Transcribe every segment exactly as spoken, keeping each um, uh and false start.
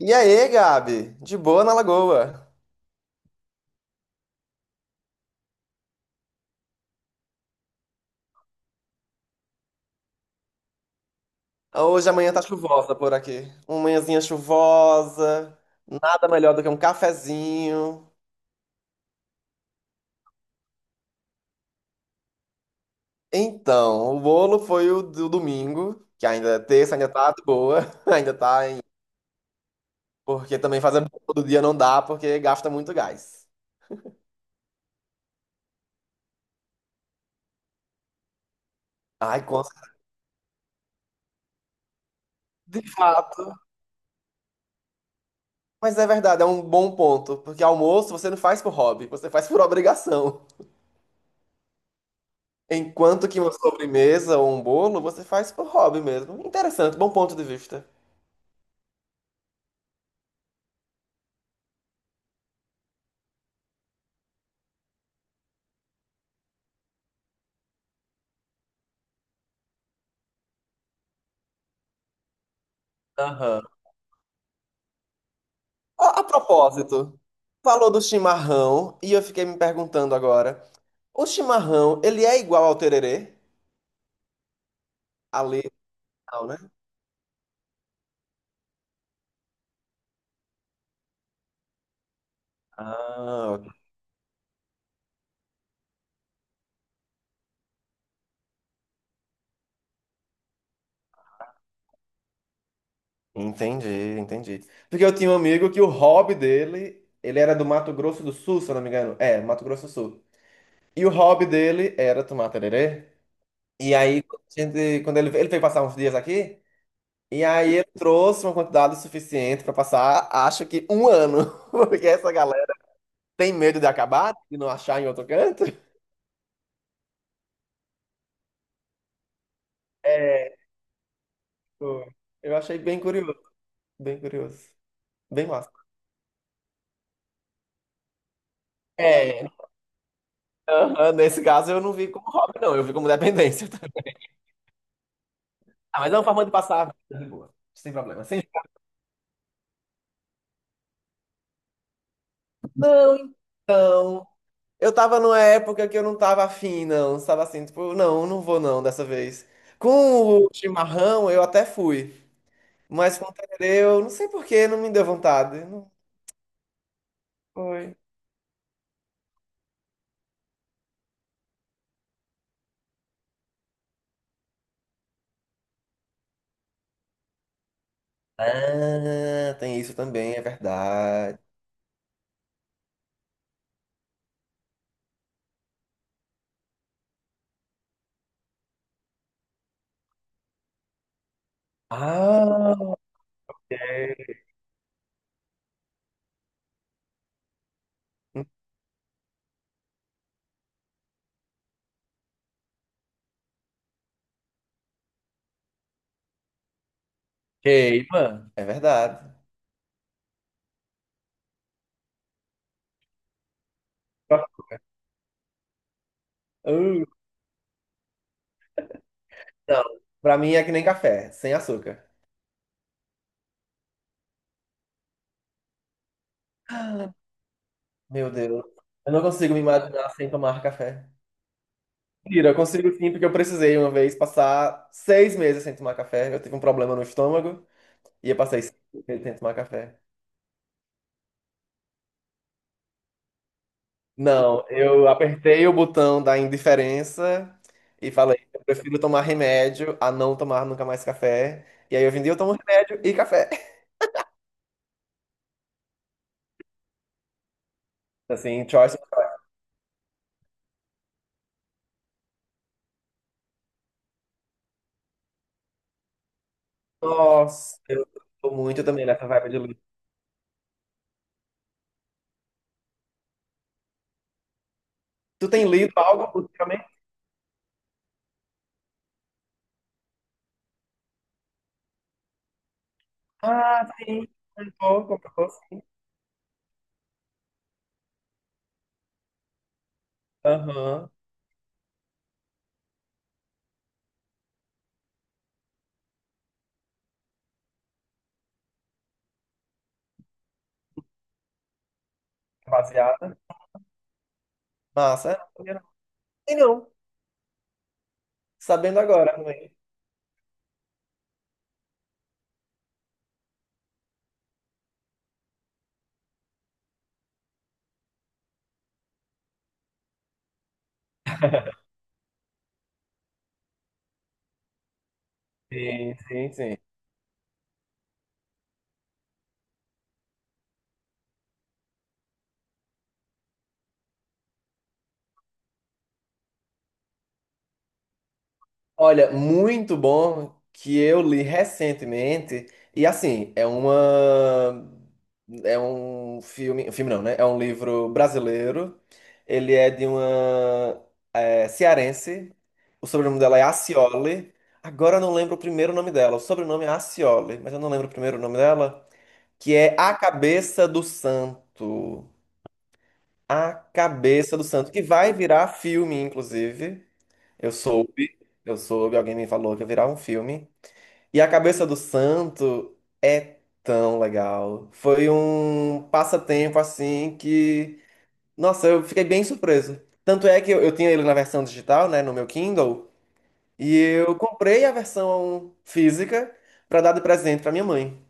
E aí, Gabi? De boa na Lagoa. Hoje amanhã tá chuvosa por aqui. Uma manhãzinha chuvosa, nada melhor do que um cafezinho. Então, o bolo foi o do domingo, que ainda é terça, ainda tá de boa, ainda tá em... Porque também fazer bolo todo dia não dá, porque gasta muito gás. Ai, com certeza. De fato. Mas é verdade, é um bom ponto, porque almoço você não faz por hobby, você faz por obrigação. Enquanto que uma sobremesa ou um bolo você faz por hobby mesmo. Interessante, bom ponto de vista. Aham. Ó, a propósito, falou do chimarrão e eu fiquei me perguntando agora, o chimarrão, ele é igual ao tererê? A leite e tal, né? Ah, ok. Entendi, entendi. Porque eu tinha um amigo que o hobby dele, ele era do Mato Grosso do Sul, se eu não me engano. É, Mato Grosso do Sul. E o hobby dele era tomar tererê. E aí, quando a gente- quando ele, ele veio passar uns dias aqui, e aí eu trouxe uma quantidade suficiente para passar, acho que um ano, porque essa galera tem medo de acabar, de não achar em outro canto. É, pô, eu achei bem curioso, bem curioso, bem massa. É, aham, nesse caso eu não vi como hobby, não, eu vi como dependência. Ah, mas é uma forma de passar a vida de boa, sem problema. Sem... Então, eu tava numa época que eu não tava afim, não, tava assim, tipo, não, não vou não dessa vez. Com o chimarrão eu até fui. Mas com tererê, eu não sei por que, não me deu vontade. Não foi. Ah, tem isso também, é verdade. Ah, queima. É verdade. Uh, não, pra mim é que nem café, sem açúcar. Meu Deus, eu não consigo me imaginar sem tomar café. Mentira, eu consigo sim, porque eu precisei uma vez passar seis meses sem tomar café. Eu tive um problema no estômago e eu passei seis meses sem tomar café. Não, eu apertei o botão da indiferença e falei, eu prefiro tomar remédio a não tomar nunca mais café. E aí hoje em dia eu tomo remédio e café. Assim, Choice, nossa, eu tô muito também nessa vibe de livro. Tu tem lido algo ultimamente? Ah, sim, um pouco, um pouco sim. Aham, baseada. Massa, não, não sabia não. E não, sabendo agora, não é? Sim, sim, sim. Olha, muito bom que eu li recentemente. E assim, é uma. É um filme. Filme não, né? É um livro brasileiro. Ele é de uma é, cearense. O sobrenome dela é Acioli. Agora eu não lembro o primeiro nome dela. O sobrenome é Acioli, mas eu não lembro o primeiro nome dela. Que é A Cabeça do Santo. A Cabeça do Santo. Que vai virar filme, inclusive. Eu soube. Eu soube, alguém me falou que ia virar um filme. E a cabeça do santo é tão legal. Foi um passatempo assim que, nossa, eu fiquei bem surpreso. Tanto é que eu, eu tinha ele na versão digital, né, no meu Kindle, e eu comprei a versão física pra dar de presente pra minha mãe,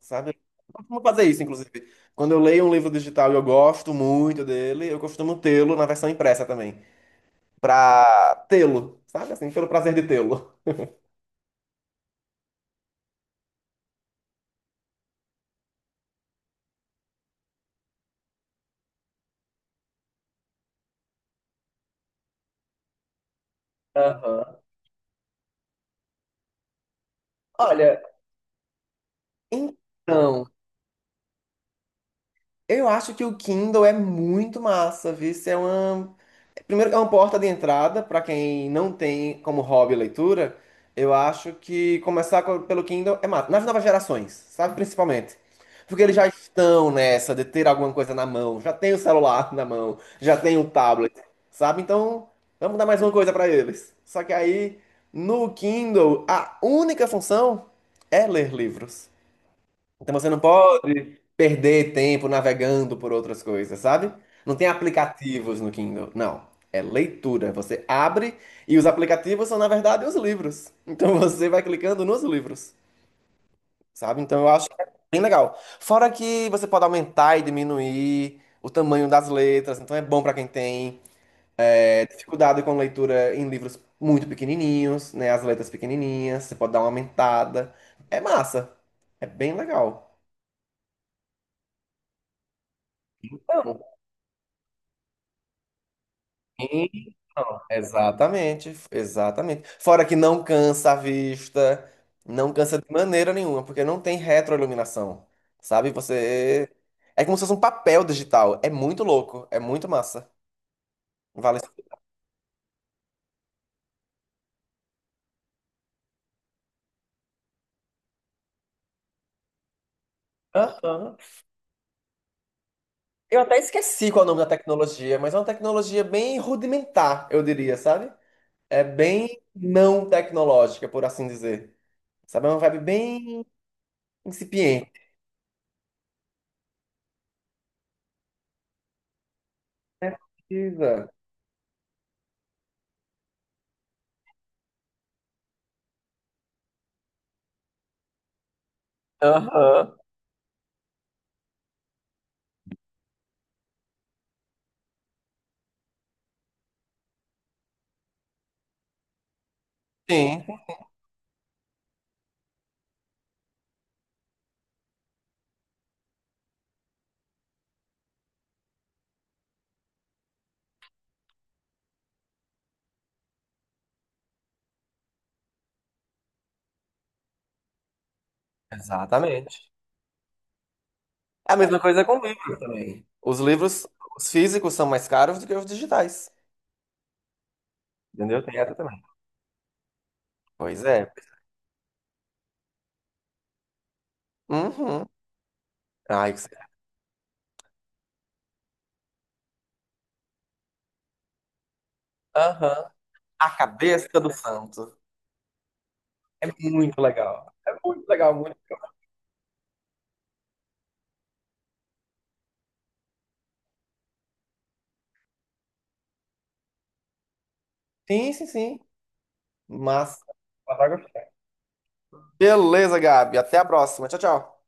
sabe? Eu costumo fazer isso, inclusive. Quando eu leio um livro digital e eu gosto muito dele, eu costumo tê-lo na versão impressa também, pra tê-lo, sabe assim, pelo prazer de tê-lo. Aham. Olha, então. Eu acho que o Kindle é muito massa, viu? Isso é uma... Primeiro, é uma porta de entrada para quem não tem como hobby leitura. Eu acho que começar co- pelo Kindle é massa. Nas novas gerações, sabe? Principalmente. Porque eles já estão nessa de ter alguma coisa na mão. Já tem o celular na mão, já tem o tablet, sabe? Então, vamos dar mais uma coisa para eles. Só que aí, no Kindle, a única função é ler livros. Então você não pode perder tempo navegando por outras coisas, sabe? Não tem aplicativos no Kindle, não. É leitura. Você abre e os aplicativos são, na verdade, os livros. Então você vai clicando nos livros, sabe? Então eu acho que é bem legal. Fora que você pode aumentar e diminuir o tamanho das letras, então é bom para quem tem é, dificuldade com leitura em livros muito pequenininhos, né? As letras pequenininhas, você pode dar uma aumentada. É massa. É bem legal. Então, exatamente, exatamente. Fora que não cansa a vista, não cansa de maneira nenhuma, porque não tem retroiluminação, sabe? Você. É como se fosse um papel digital. É muito louco, é muito massa. Vale. Aham. Eu até esqueci qual é o nome da tecnologia, mas é uma tecnologia bem rudimentar, eu diria, sabe? É bem não tecnológica, por assim dizer. Sabe? É uma vibe bem incipiente. Né? Precisa. Aham. Sim, exatamente. É a mesma coisa com livros também. Os livros, os físicos são mais caros do que os digitais. Entendeu? Tem essa também. Pois é. Uhum. Ai, que... você- Aham. A cabeça do santo. É muito legal. É muito legal, muito. Sim, sim, sim. Massa. Beleza, Gabi. Até a próxima. Tchau, tchau.